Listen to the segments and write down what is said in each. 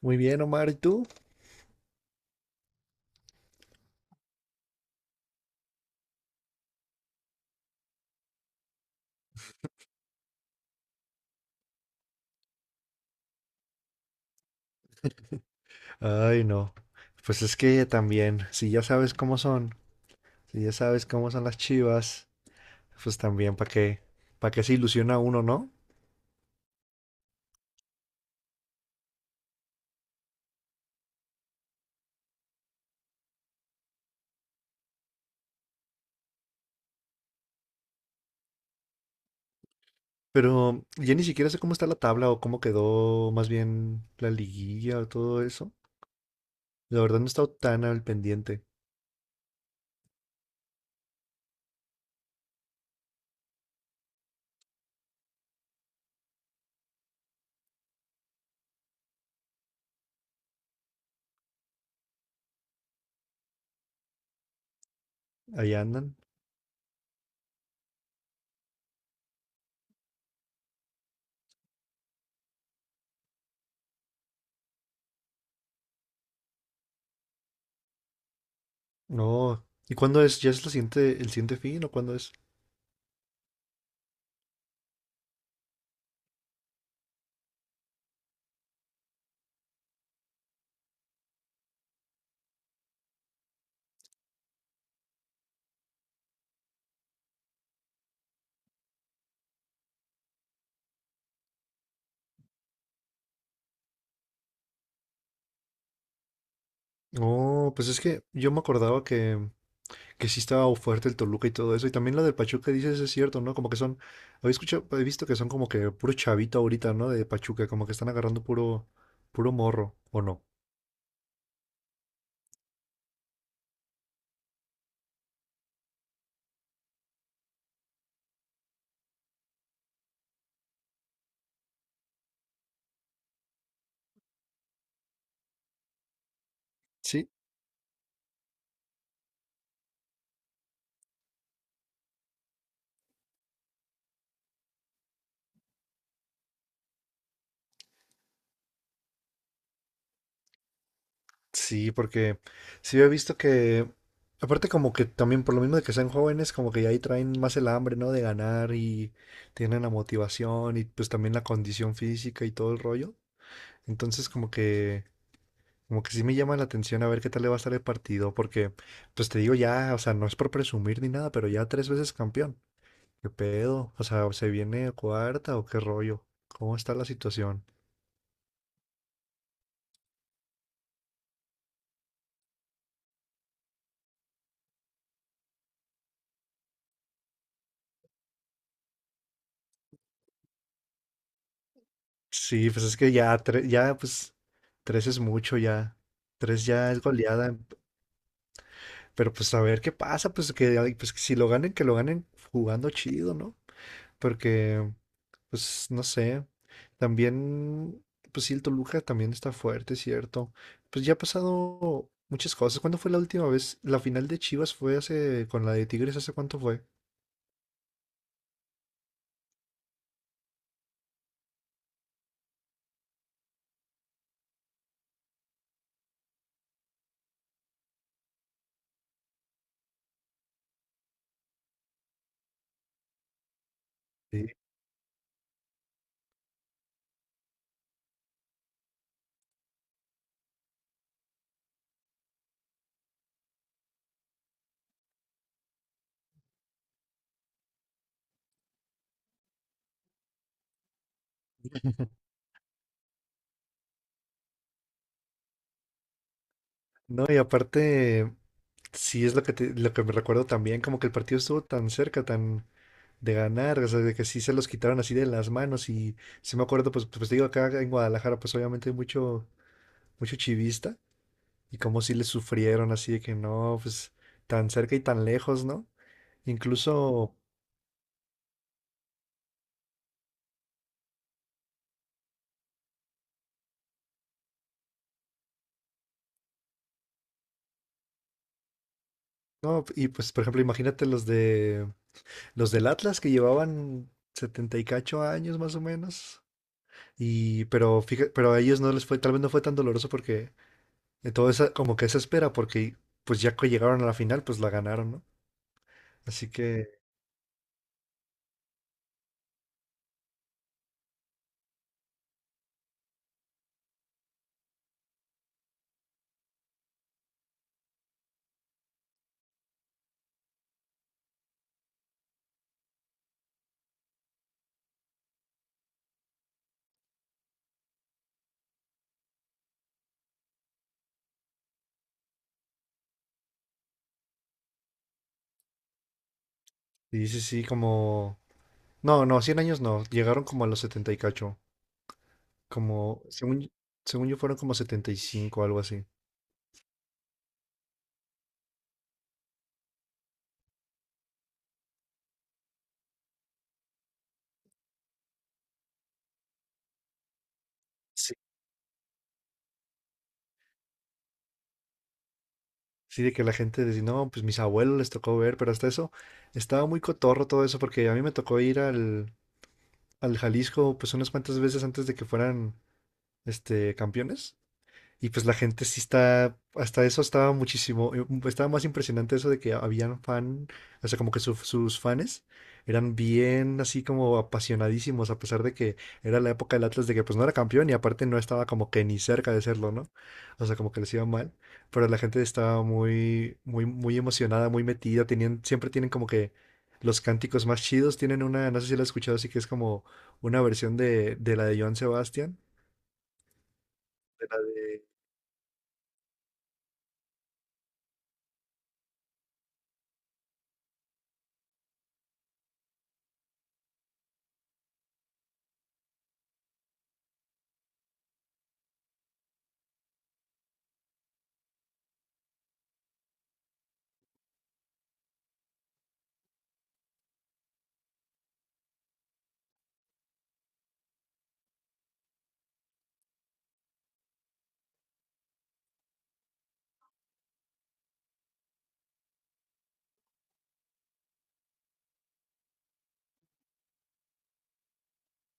Muy bien, Omar, ¿y tú? Ay, no. Pues es que también, si ya sabes cómo son, si ya sabes cómo son las Chivas, pues también, ¿para qué? ¿Para qué se ilusiona uno, no? Pero ya ni siquiera sé cómo está la tabla o cómo quedó más bien la liguilla o todo eso. La verdad no he estado tan al pendiente. Ahí andan. No. ¿Y cuándo es? ¿Ya es el siguiente fin o cuándo es? No, pues es que yo me acordaba que sí estaba fuerte el Toluca y todo eso. Y también lo del Pachuca dices es cierto, ¿no? Como que son, había escuchado, he visto que son como que puro chavito ahorita, ¿no? De Pachuca, como que están agarrando puro morro, ¿o no? Sí, sí, porque sí he visto que, aparte como que también por lo mismo de que sean jóvenes, como que ya ahí traen más el hambre, ¿no? De ganar y tienen la motivación y pues también la condición física y todo el rollo. Entonces como que Como que sí me llama la atención a ver qué tal le va a estar el partido, porque, pues te digo ya, o sea, no es por presumir ni nada, pero ya tres veces campeón. ¿Qué pedo? O sea, ¿se viene cuarta o qué rollo? ¿Cómo está la situación? Sí, pues es que ya, tres, ya, pues, tres es mucho ya. Tres ya es goleada, pero pues a ver qué pasa, pues que, ay, pues que si lo ganen, que lo ganen jugando chido, ¿no? Porque, pues, no sé. También, pues sí, el Toluca también está fuerte, ¿cierto? Pues ya ha pasado muchas cosas. ¿Cuándo fue la última vez? La final de Chivas fue hace, con la de Tigres, ¿hace cuánto fue? Sí. No, y aparte, sí es lo que, lo que me recuerdo también, como que el partido estuvo tan cerca, tan de ganar, o sea, de que sí se los quitaron así de las manos y sí me acuerdo, pues digo, acá en Guadalajara, pues obviamente hay mucho, mucho chivista y como sí le sufrieron así de que no, pues tan cerca y tan lejos, ¿no? Incluso. No, y pues, por ejemplo, imagínate los del Atlas que llevaban 70 y cacho años más o menos. Y pero fíjate, pero a ellos no les fue, tal vez no fue tan doloroso porque de todo esa como que esa espera porque pues ya que llegaron a la final, pues la ganaron, ¿no? Así que sí, sí, sí, como no, no, 100 años no, llegaron como a los 70 y cacho, como según yo fueron como 75 algo así. Sí, de que la gente decía, no, pues mis abuelos les tocó ver, pero hasta eso estaba muy cotorro todo eso, porque a mí me tocó ir al, al Jalisco pues unas cuantas veces antes de que fueran este campeones. Y pues la gente sí está, hasta eso estaba muchísimo, estaba más impresionante eso de que habían fan, o sea, como que sus fans eran bien así como apasionadísimos, a pesar de que era la época del Atlas de que pues no era campeón y aparte no estaba como que ni cerca de serlo, ¿no? O sea, como que les iba mal, pero la gente estaba muy, muy, muy emocionada, muy metida, tenían, siempre tienen como que los cánticos más chidos, tienen una, no sé si la has escuchado, así que es como una versión de la de Joan Sebastián, de la de.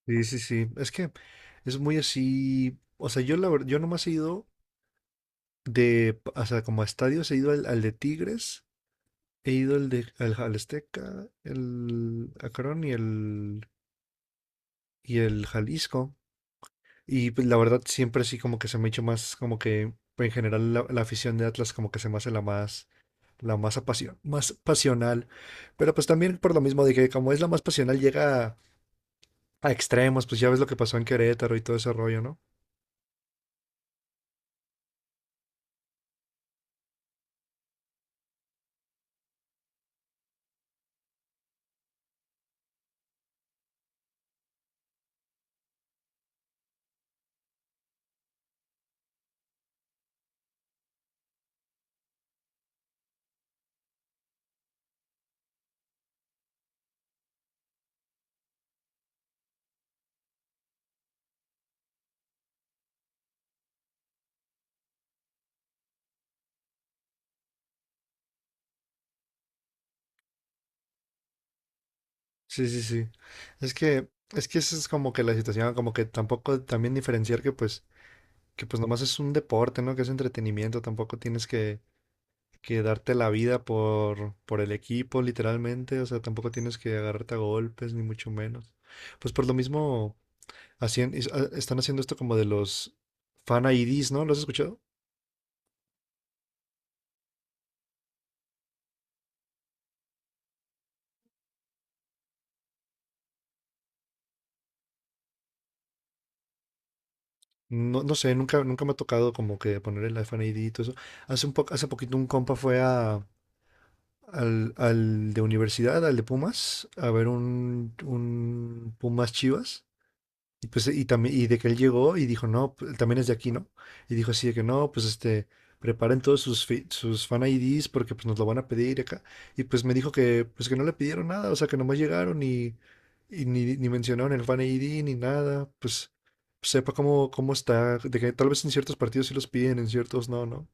Sí, sí, sí. Es que es muy así. O sea, yo la verdad, yo nomás he ido de, p- o sea, como a estadios, he ido al de Tigres, he ido al Azteca, el Acron y el Jalisco. Y pues la verdad siempre sí como que se me ha hecho más, como que en general la afición de Atlas como que se me hace la más pasional. Pero pues también por lo mismo de que como es la más pasional, llega a extremos, pues ya ves lo que pasó en Querétaro y todo ese rollo, ¿no? Sí, sí, sí. Es que, es que esa es como que la situación, como que tampoco también diferenciar que pues nomás es un deporte, ¿no? Que es entretenimiento, tampoco tienes que darte la vida por el equipo, literalmente. O sea, tampoco tienes que agarrarte a golpes, ni mucho menos. Pues por lo mismo, están haciendo esto como de los fan IDs, ¿no? ¿Lo has escuchado? No, no sé, nunca me ha tocado como que poner el fan ID y todo eso. Hace poquito un compa fue al de universidad, al de Pumas, a ver un Pumas Chivas. Y pues, y también, y de que él llegó y dijo, no, pues, también es de aquí, ¿no? Y dijo así de que no, pues este, preparen todos sus fan IDs porque pues nos lo van a pedir acá. Y pues me dijo que, pues que no le pidieron nada, o sea, que nomás llegaron y, ni mencionaron el fan ID ni nada, pues, sepa cómo está, de que tal vez en ciertos partidos sí los piden, en ciertos no, ¿no?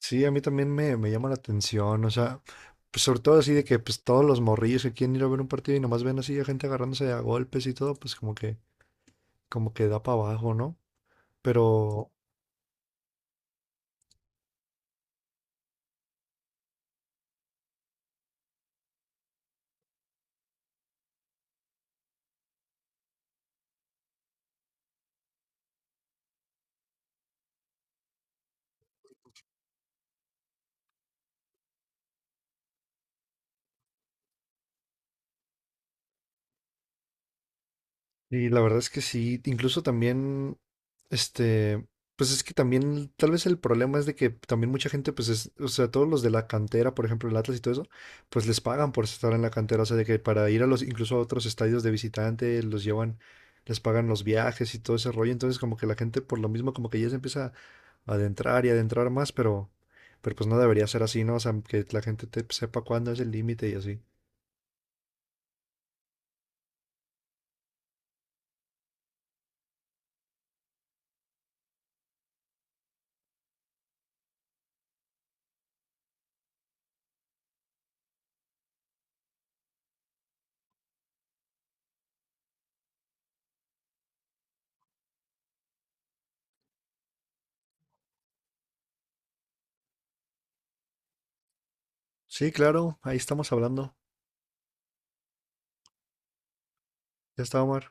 Sí, a mí también me llama la atención, o sea, pues sobre todo así de que pues todos los morrillos que quieren ir a ver un partido y nomás ven así a gente agarrándose a golpes y todo, pues como que da para abajo, ¿no? Pero, y la verdad es que sí, incluso también, este, pues es que también, tal vez el problema es de que también mucha gente, pues es, o sea, todos los de la cantera, por ejemplo, el Atlas y todo eso, pues les pagan por estar en la cantera, o sea, de que para ir a los, incluso a otros estadios de visitante, los llevan, les pagan los viajes y todo ese rollo, entonces como que la gente por lo mismo como que ya se empieza a adentrar y adentrar más, pero pues no debería ser así, ¿no? O sea, que la gente sepa cuándo es el límite y así. Sí, claro, ahí estamos hablando. Ya está, Omar.